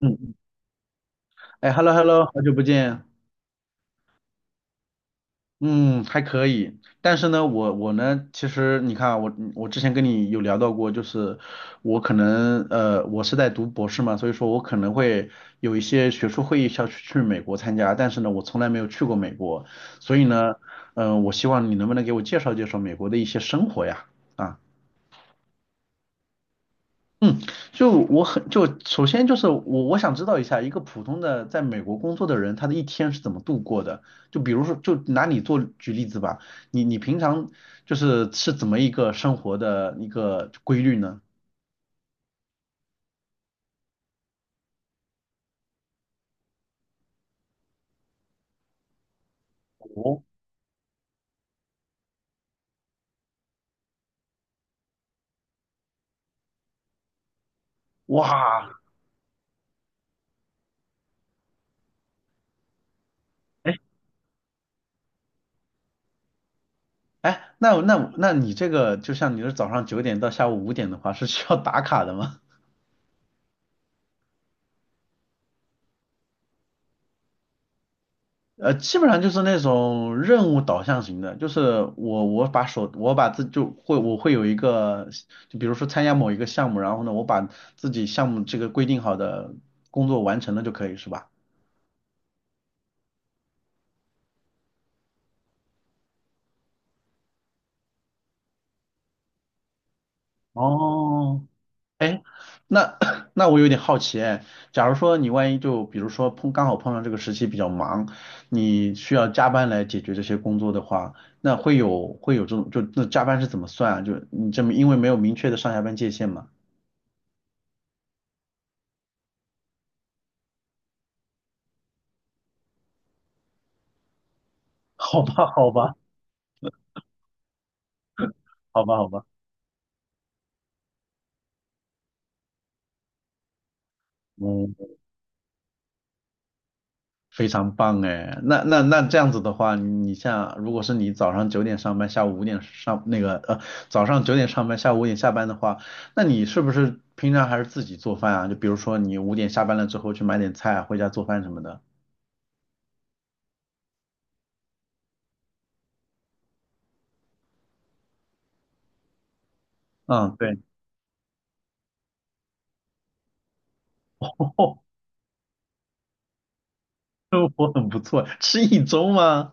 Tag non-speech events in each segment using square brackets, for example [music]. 嗯嗯，哎，hello hello，好久不见，嗯，还可以，但是呢，我呢，其实你看啊，我之前跟你有聊到过，就是我可能我是在读博士嘛，所以说我可能会有一些学术会议需要去美国参加，但是呢，我从来没有去过美国，所以呢，我希望你能不能给我介绍介绍美国的一些生活呀？啊。嗯，就我很就首先就是我想知道一下，一个普通的在美国工作的人，他的一天是怎么度过的？就比如说，就拿你做举例子吧，你平常就是怎么一个生活的一个规律呢？哦，哇，哎哎，那你这个就像你是早上九点到下午五点的话，是需要打卡的吗？呃，基本上就是那种任务导向型的，就是我我把手我把自就会我会有一个，就比如说参加某一个项目，然后呢，我把自己项目这个规定好的工作完成了就可以，是吧？哦，哎，那 [coughs] [clears throat] 那我有点好奇，哎，假如说你万一就比如说刚好碰上这个时期比较忙，你需要加班来解决这些工作的话，那会有这种就那加班是怎么算啊？就你这么因为没有明确的上下班界限嘛？[laughs] 好吧，好吧。好吧，好吧，嗯，非常棒哎。那这样子的话，你像如果是你早上九点上班，下午五点上那个呃，早上九点上班，下午五点下班的话，那你是不是平常还是自己做饭啊？就比如说你五点下班了之后去买点菜啊回家做饭什么的。嗯，对，[laughs] 哦，生活很不错，吃一周吗？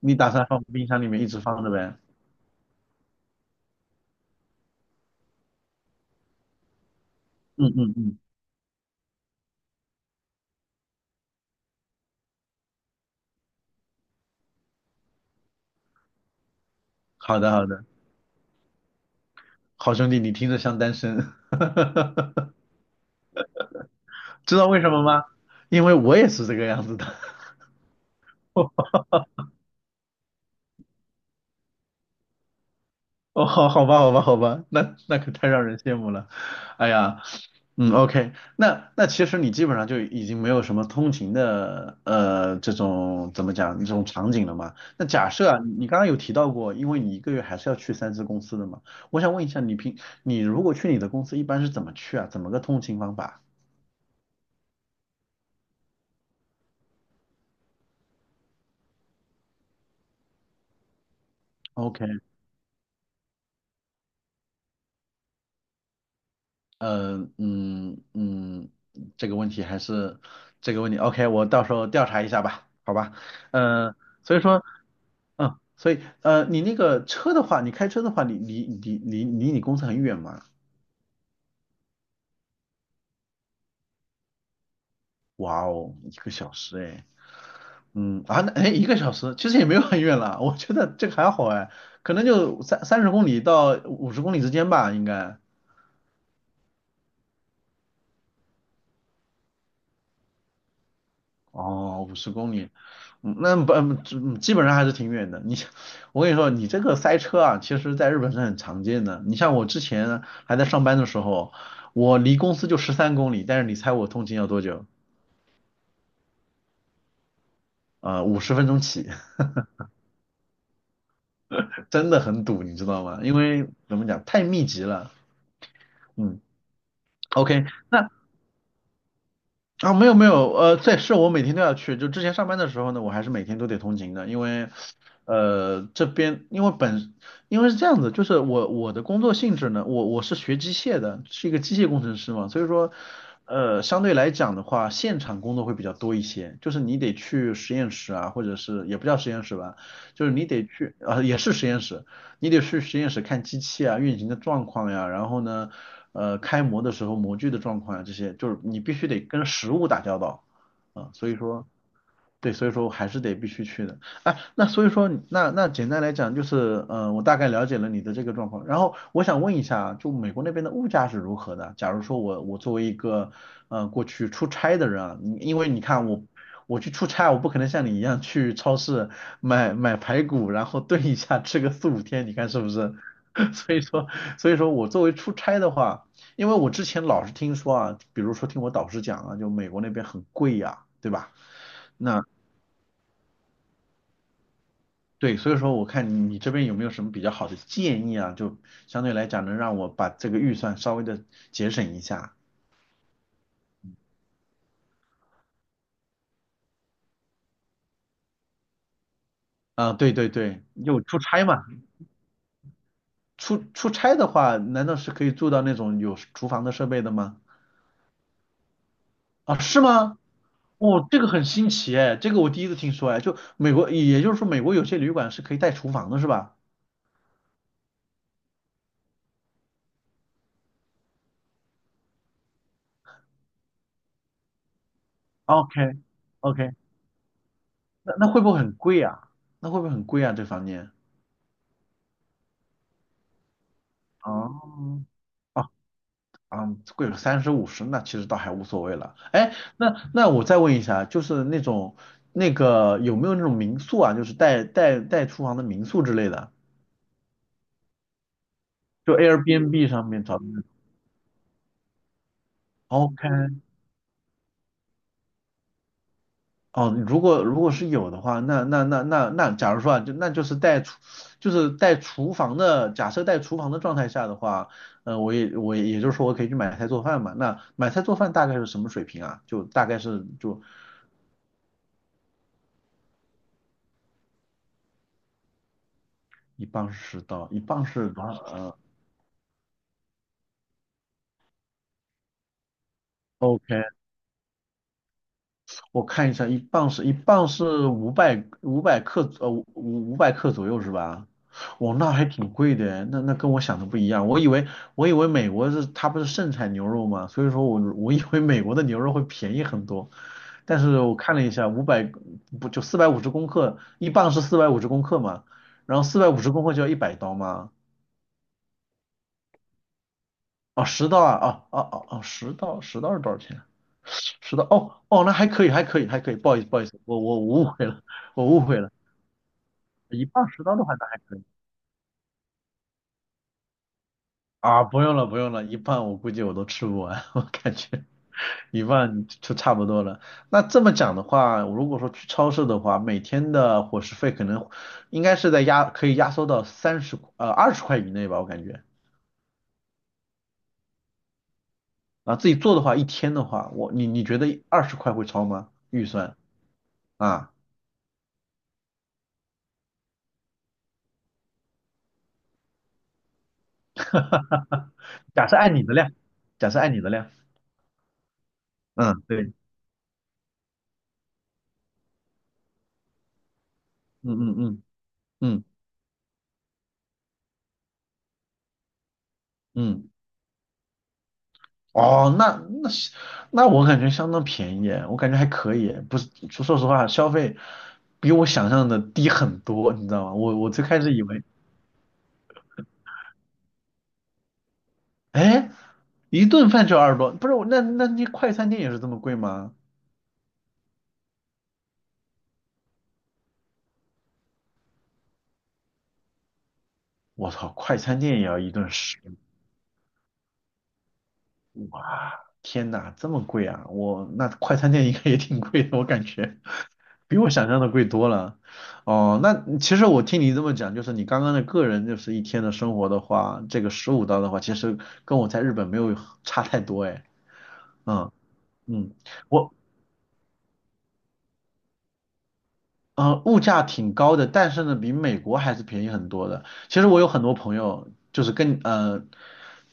你打算放冰箱里面一直放着呗？嗯嗯嗯，好的好的，好兄弟，你听着像单身，[laughs] 知道为什么吗？因为我也是这个样子的。[laughs] [laughs] 哦，好，好吧，好吧，好吧，那那可太让人羡慕了。哎呀，嗯，OK,那那其实你基本上就已经没有什么通勤的这种怎么讲这种场景了嘛？那假设啊，你刚刚有提到过，因为你一个月还是要去三次公司的嘛，我想问一下，你如果去你的公司一般是怎么去啊？怎么个通勤方法？OK,呃，嗯嗯，这个问题还是这个问题，OK,我到时候调查一下吧，好吧？嗯、所以说。嗯，所以你那个车的话，你开车的话，你离你公司很远吗？哇哦，一个小时哎，那哎一个小时其实也没有很远了，我觉得这个还好哎，可能就30公里到五十公里之间吧，应该。哦，五十公里，嗯那不嗯基本上还是挺远的。你像我跟你说，你这个塞车啊，其实在日本是很常见的。你像我之前还在上班的时候，我离公司就13公里，但是你猜我通勤要多久？呃，50分钟起。真的很堵，你知道吗？因为怎么讲，太密集了。嗯，OK,那啊没有没有，对，是我每天都要去。就之前上班的时候呢，我还是每天都得通勤的，因为呃这边因为本因为是这样子，就是我的工作性质呢，我是学机械的，是一个机械工程师嘛，所以说相对来讲的话，现场工作会比较多一些，就是你得去实验室啊，或者是也不叫实验室吧，就是你得去啊、也是实验室，你得去实验室看机器啊、运行的状况呀，然后呢，开模的时候模具的状况啊，这些就是你必须得跟实物打交道啊，所以说。对，所以说我还是得必须去的。哎，那所以说你简单来讲就是，我大概了解了你的这个状况。然后我想问一下，就美国那边的物价是如何的？假如说我作为一个，过去出差的人啊，你因为你看我去出差，我不可能像你一样去超市买排骨，然后炖一下吃个四五天，你看是不是？[laughs] 所以说，所以说我作为出差的话，因为我之前老是听说啊，比如说听我导师讲啊，就美国那边很贵呀、对吧？那。对，所以说我看你这边有没有什么比较好的建议啊？就相对来讲能让我把这个预算稍微的节省一下。啊，对对对，就出差嘛？出差的话，难道是可以住到那种有厨房的设备的吗？啊，是吗？哦，这个很新奇哎，这个我第一次听说哎，就美国，也就是说美国有些旅馆是可以带厨房的是吧？OK OK,那那会不会很贵啊？那会不会很贵啊？这房间？哦。嗯，贵个三十五十那其实倒还无所谓了。哎，那我再问一下，就是那种有没有那种民宿啊，就是带厨房的民宿之类的，就 Airbnb 上面找的那种。OK,哦，如果如果是有的话，那，假如说啊，就是就是带厨房的，假设带厨房的状态下的话，我也就是说我可以去买菜做饭嘛。那买菜做饭大概是什么水平啊？就大概是就一磅是到一磅是多少？OK,我看一下，一磅是五百克，五百克左右是吧？哇，那还挺贵的，那那跟我想的不一样。我以为美国是它不是盛产牛肉吗？所以说我以为美国的牛肉会便宜很多，但是我看了一下，五百不就四百五十公克，一磅是四百五十公克嘛，然后四百五十公克就要100刀吗？哦，十刀啊，哦，十刀是多少钱？是刀哦，那还可以，还可以，还可以，不好意思，不好意思，我误会了，我误会了，1磅10刀的话，那还可以啊，不用了，不用了，一半我估计我都吃不完，[laughs] 我感觉一半就差不多了。那这么讲的话，我如果说去超市的话，每天的伙食费可能应该是在压，可以压缩到二十块以内吧，我感觉啊，自己做的话，一天的话，你你觉得二十块会超吗？预算啊，[laughs] 假设按你的量，假设按你的量，嗯，对，嗯嗯嗯。嗯嗯，哦，那我感觉相当便宜耶我感觉还可以，不是，说实话，消费比我想象的低很多，你知道吗？我最开始以为，哎，一顿饭就20多，不是，我那那那快餐店也是这么贵吗？我操，快餐店也要一顿十，哇，天呐，这么贵啊！我那快餐店应该也挺贵的，我感觉。比我想象的贵多了。哦，那其实我听你这么讲，就是你刚刚的个人就是一天的生活的话，这个15刀的话，其实跟我在日本没有差太多哎。嗯嗯，我呃，物价挺高的，但是呢，比美国还是便宜很多的。其实我有很多朋友，就是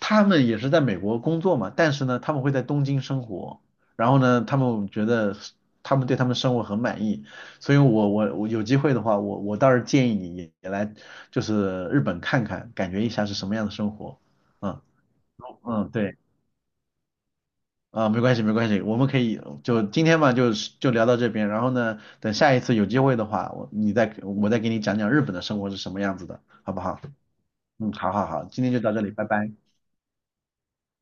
他们也是在美国工作嘛，但是呢，他们会在东京生活，然后呢，他们对他们生活很满意，所以我有机会的话，我倒是建议你也来日本看看，感觉一下是什么样的生活。嗯嗯，对。啊，没关系，没关系，我们可以就今天嘛，就是就聊到这边。然后呢，等下一次有机会的话，我再给你讲讲日本的生活是什么样子的，好不好？嗯，好好好，今天就到这里，拜拜。